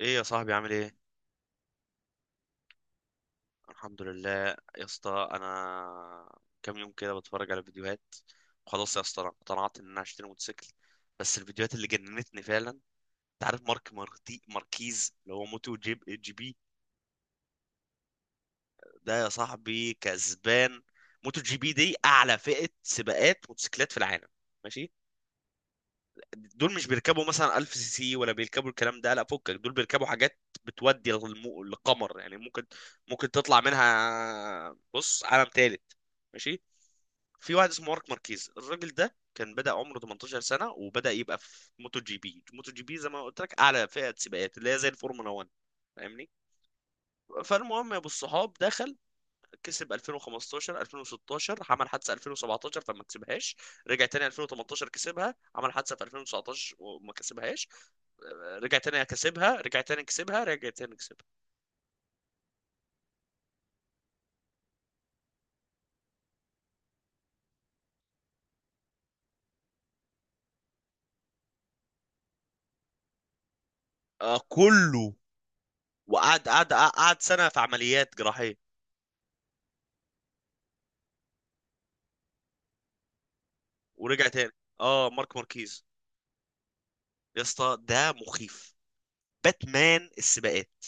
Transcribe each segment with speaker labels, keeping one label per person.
Speaker 1: ايه يا صاحبي، عامل ايه؟ الحمد لله. يا اسطى، انا كام يوم كده بتفرج على فيديوهات، وخلاص يا اسطى انا اقتنعت ان انا هشتري موتوسيكل. بس الفيديوهات اللي جننتني، فعلا انت عارف مارك ماركيز اللي هو موتو جي بي؟ ده يا صاحبي كسبان. موتو جي بي دي اعلى فئة سباقات موتوسيكلات في العالم. ماشي. دول مش بيركبوا مثلا 1000 سي سي ولا بيركبوا الكلام ده، لا فكك، دول بيركبوا حاجات بتودي للقمر، يعني ممكن تطلع منها، بص، عالم تالت. ماشي. في واحد اسمه مارك ماركيز، الراجل ده كان بدأ عمره 18 سنة وبدأ يبقى في موتو جي بي. موتو جي بي زي ما قلت لك أعلى فئة سباقات اللي هي زي الفورمولا 1. فاهمني؟ فالمهم يا ابو الصحاب، دخل كسب 2015، 2016، عمل حادثه 2017 فما كسبهاش، رجع تاني 2018 كسبها، عمل حادثه في 2019 وما كسبهاش، رجع تاني كسبها، رجع تاني كسبها، رجع تاني كسبها. آه كله. وقعد قعد قعد سنه في عمليات جراحيه، ورجع تاني. اه، مارك ماركيز. يا اسطى، ده مخيف، باتمان السباقات.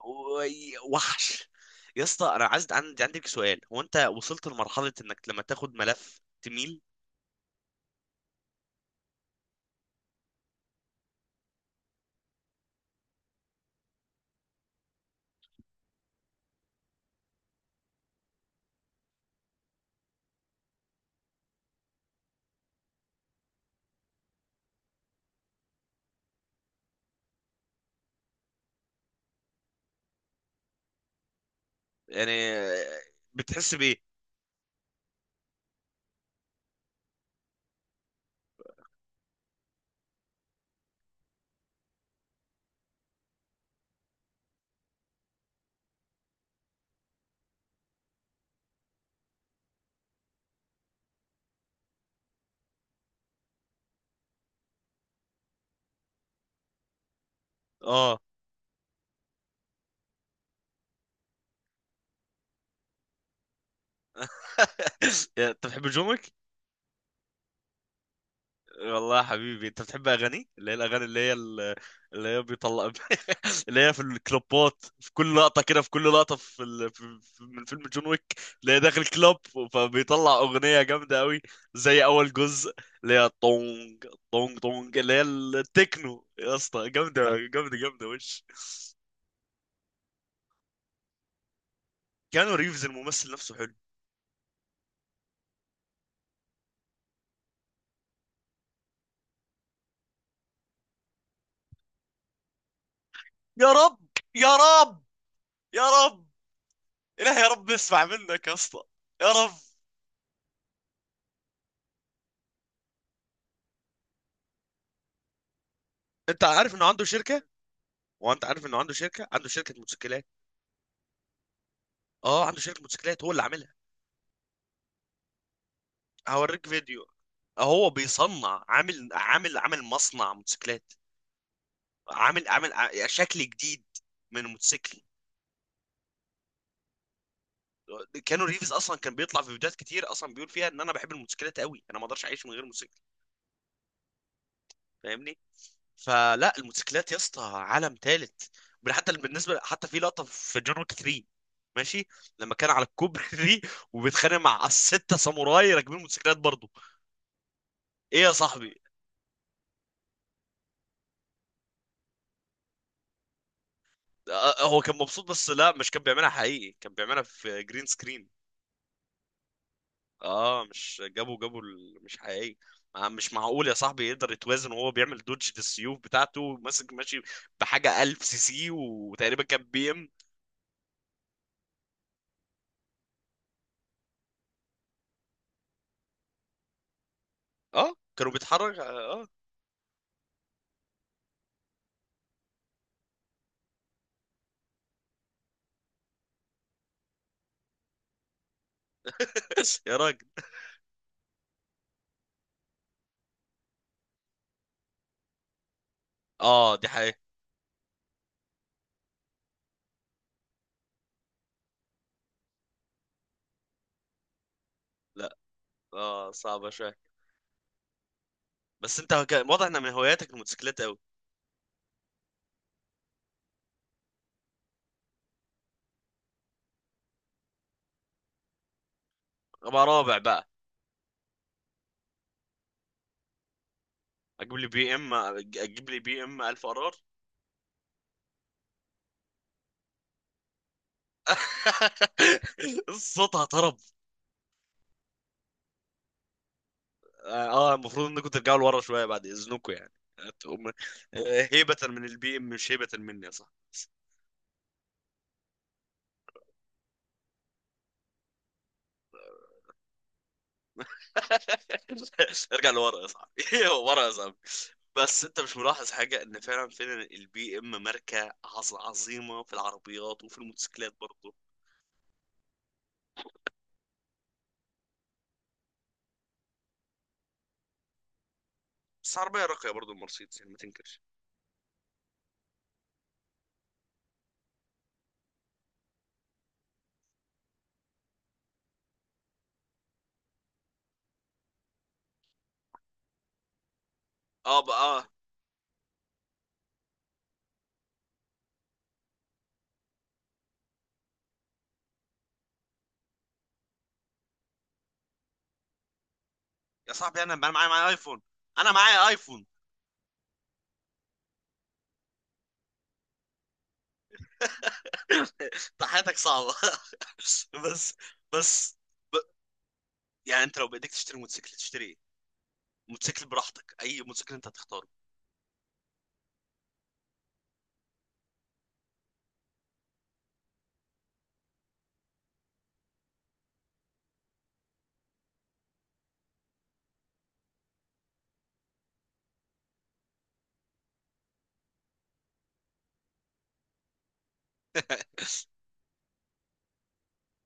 Speaker 1: وحش. يا اسطى، انا عايز، عندك سؤال، هو انت وصلت لمرحله انك لما تاخد ملف تميل؟ يعني آه، بتحس بايه؟ اه. انت بتحب جومك؟ والله يا حبيبي، انت بتحب اغاني، اللي هي الاغاني، اللي هي اللي هي بيطلع، اللي هي في الكلوبات، في كل لقطه كده، في كل لقطه في, ال... في... في... من فيلم جون ويك، اللي هي داخل كلوب، فبيطلع اغنيه جامده قوي، زي اول جزء. اللي هي طونج طونج طونج، اللي هي التكنو، يا اسطى جامده جامده جامده، وش. كانوا ريفز الممثل نفسه حلو. يا رب، يا رب، يا رب، إله يا رب نسمع منك يا اسطى. يا رب. انت عارف انه عنده شركه؟ عنده شركه موتوسيكلات. اه عنده شركه موتوسيكلات هو اللي عاملها. هوريك فيديو. هو بيصنع، عامل مصنع موتوسيكلات، شكل جديد من الموتوسيكل. كانوا ريفز اصلا كان بيطلع في فيديوهات كتير، اصلا بيقول فيها ان انا بحب الموتوسيكلات قوي، انا ما اقدرش اعيش من غير موتوسيكل. فاهمني؟ فلا، الموتوسيكلات يا اسطى عالم ثالث. حتى بالنسبه، حتى في لقطه في جون ويك 3، ماشي، لما كان على الكوبري وبيتخانق مع الستة ساموراي راكبين موتوسيكلات برضه. ايه يا صاحبي؟ آه، آه، هو كان مبسوط، بس لا مش كان بيعملها حقيقي، كان بيعملها في جرين سكرين. اه مش جابوا مش حقيقي. مش معقول يا صاحبي يقدر يتوازن وهو بيعمل دوج للسيوف بتاعته ماسك، ماشي، بحاجة 1000 سي سي، وتقريبا كان بي ام. اه كانوا بيتحرك، اه. يا راجل. اه دي حقيقة. لا اه صعبة شوية. بس واضح ان من هواياتك الموتوسيكلات قوي. ابقى رابع بقى، اجيب لي بي ام، اجيب لي بي ام 1000 ار ار. صوتها طرب. اه، آه، المفروض انكم ترجعوا لورا شويه بعد اذنكم يعني. هتقوم- آه، هيبة من البي ام مش هيبة مني يا صاحبي. ارجع لورا يا صاحبي. ورا يا صاحبي. بس انت مش ملاحظ حاجه؟ ان فعلا فعلا البي ام ماركه عظيمه في العربيات وفي الموتوسيكلات برضه. بس عربيه راقيه برضه المرسيدس، يعني ما تنكرش. اه بقى اه. يا صاحبي انا معايا ايفون. انا معايا ايفون. انت حياتك صعبه. بس. بس ب... يعني انت لو بايديك تشتري موتوسيكل تشتري إيه؟ موتوسيكل براحتك، اي موتوسيكل انت هتختاره.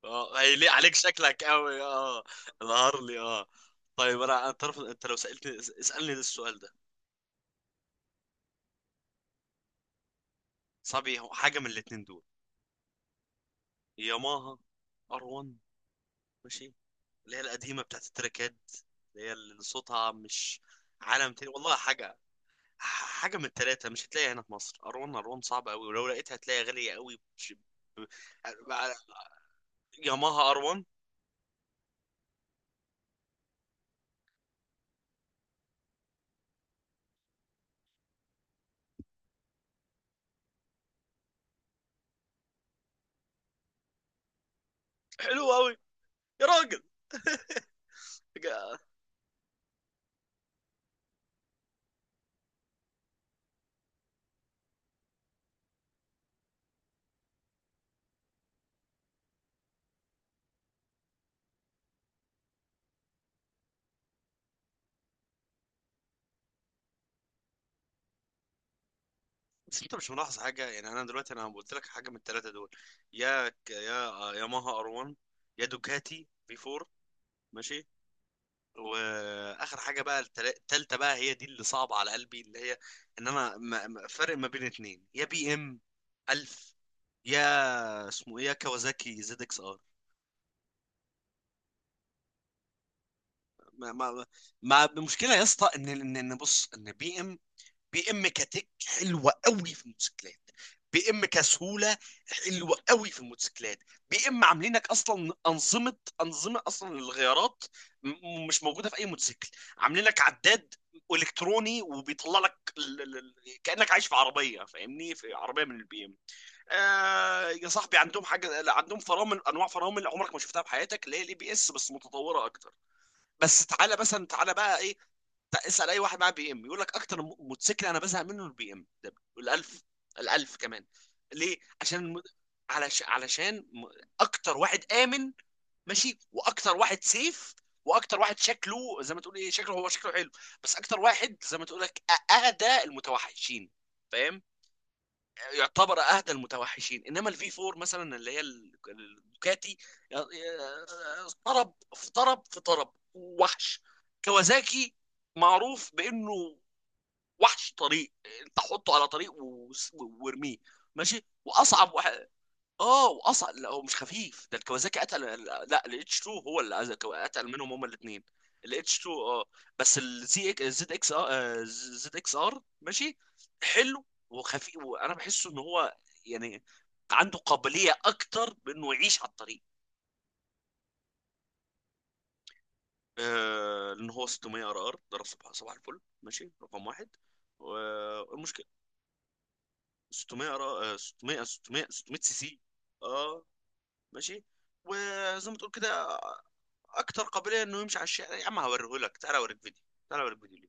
Speaker 1: اه هيليق عليك، شكلك قوي اه. الهارلي اه. طيب انا، انت عارف، انت لو سالتني، اسالني ده السؤال ده، صعب، هو حاجه من الاتنين دول: ياماها ار 1، ماشي، اللي هي القديمه بتاعت التراكات، اللي هي اللي صوتها مش عالم تاني، والله حاجه. حاجه من التلاته مش هتلاقيها هنا في مصر، ار 1، ار 1 صعب قوي، ولو لقيتها هتلاقيها غاليه قوي. ب- ب- ياماها ار 1. حلو قوي. يا راجل، بس انت مش ملاحظ حاجه؟ يعني انا دلوقتي انا قلت لك حاجه من الثلاثه دول: يا ياماها ار 1، يا دوكاتي في 4، ماشي. واخر حاجه بقى التالتة بقى، هي دي اللي صعبه على قلبي، اللي هي ان انا فرق ما بين اتنين، يا بي ام 1000، يا اسمه ايه، يا كawasaki زد اكس ار. ما ما ما المشكله يا اسطى، ان بص، ان بي ام، بي ام كتك حلوه قوي في الموتوسيكلات، بي ام كسهوله حلوه قوي في الموتوسيكلات. بي ام عاملينك اصلا انظمه، انظمه اصلا للغيارات، مش موجوده في اي موتوسيكل. عاملين لك عداد الكتروني، وبيطلع لك كانك عايش في عربيه، فاهمني؟ في عربيه من البي ام. آه يا صاحبي، عندهم حاجه، عندهم فرامل، انواع فرامل عمرك ما شفتها في حياتك، اللي هي الاي بي اس بس متطوره اكتر. بس تعالى مثلا، تعالى بقى ايه، اسال اي واحد معاه بي ام يقول لك اكتر موتوسيكل انا بزهق منه البي ام ده الالف، الالف كمان. ليه؟ عشان علشان اكتر واحد امن، ماشي، واكتر واحد سيف، واكتر واحد شكله زي ما تقول ايه، شكله، هو شكله حلو، بس اكتر واحد زي ما تقول لك اهدى المتوحشين، فاهم؟ يعتبر اهدى المتوحشين. انما الفي 4 مثلا، اللي هي الدوكاتي، طرب في طرب في طرب، وحش. كوازاكي معروف بانه وحش طريق، انت حطه على طريق وارميه، ماشي، واصعب اه واصل، لا هو مش خفيف، ده الكوازاكي اتقل، لا الاتش 2 هو اللي اتقل منهم هما الاثنين. الاتش 2 اه. بس الزي، زد اكس ار، زد اكس ار ماشي، حلو وخفيف، وانا بحسه ان هو يعني عنده قابليه اكتر بانه يعيش على الطريق. آه لان هو 600 ار ار ده صباح صباح الفل، ماشي رقم واحد. والمشكله 600 ار 600 600 600 سي سي اه، ماشي، وزي ما تقول كده اكتر قابليه انه يمشي على الشارع. يا عم هوريه لك، تعال اوريك فيديو، تعال اوريك فيديو.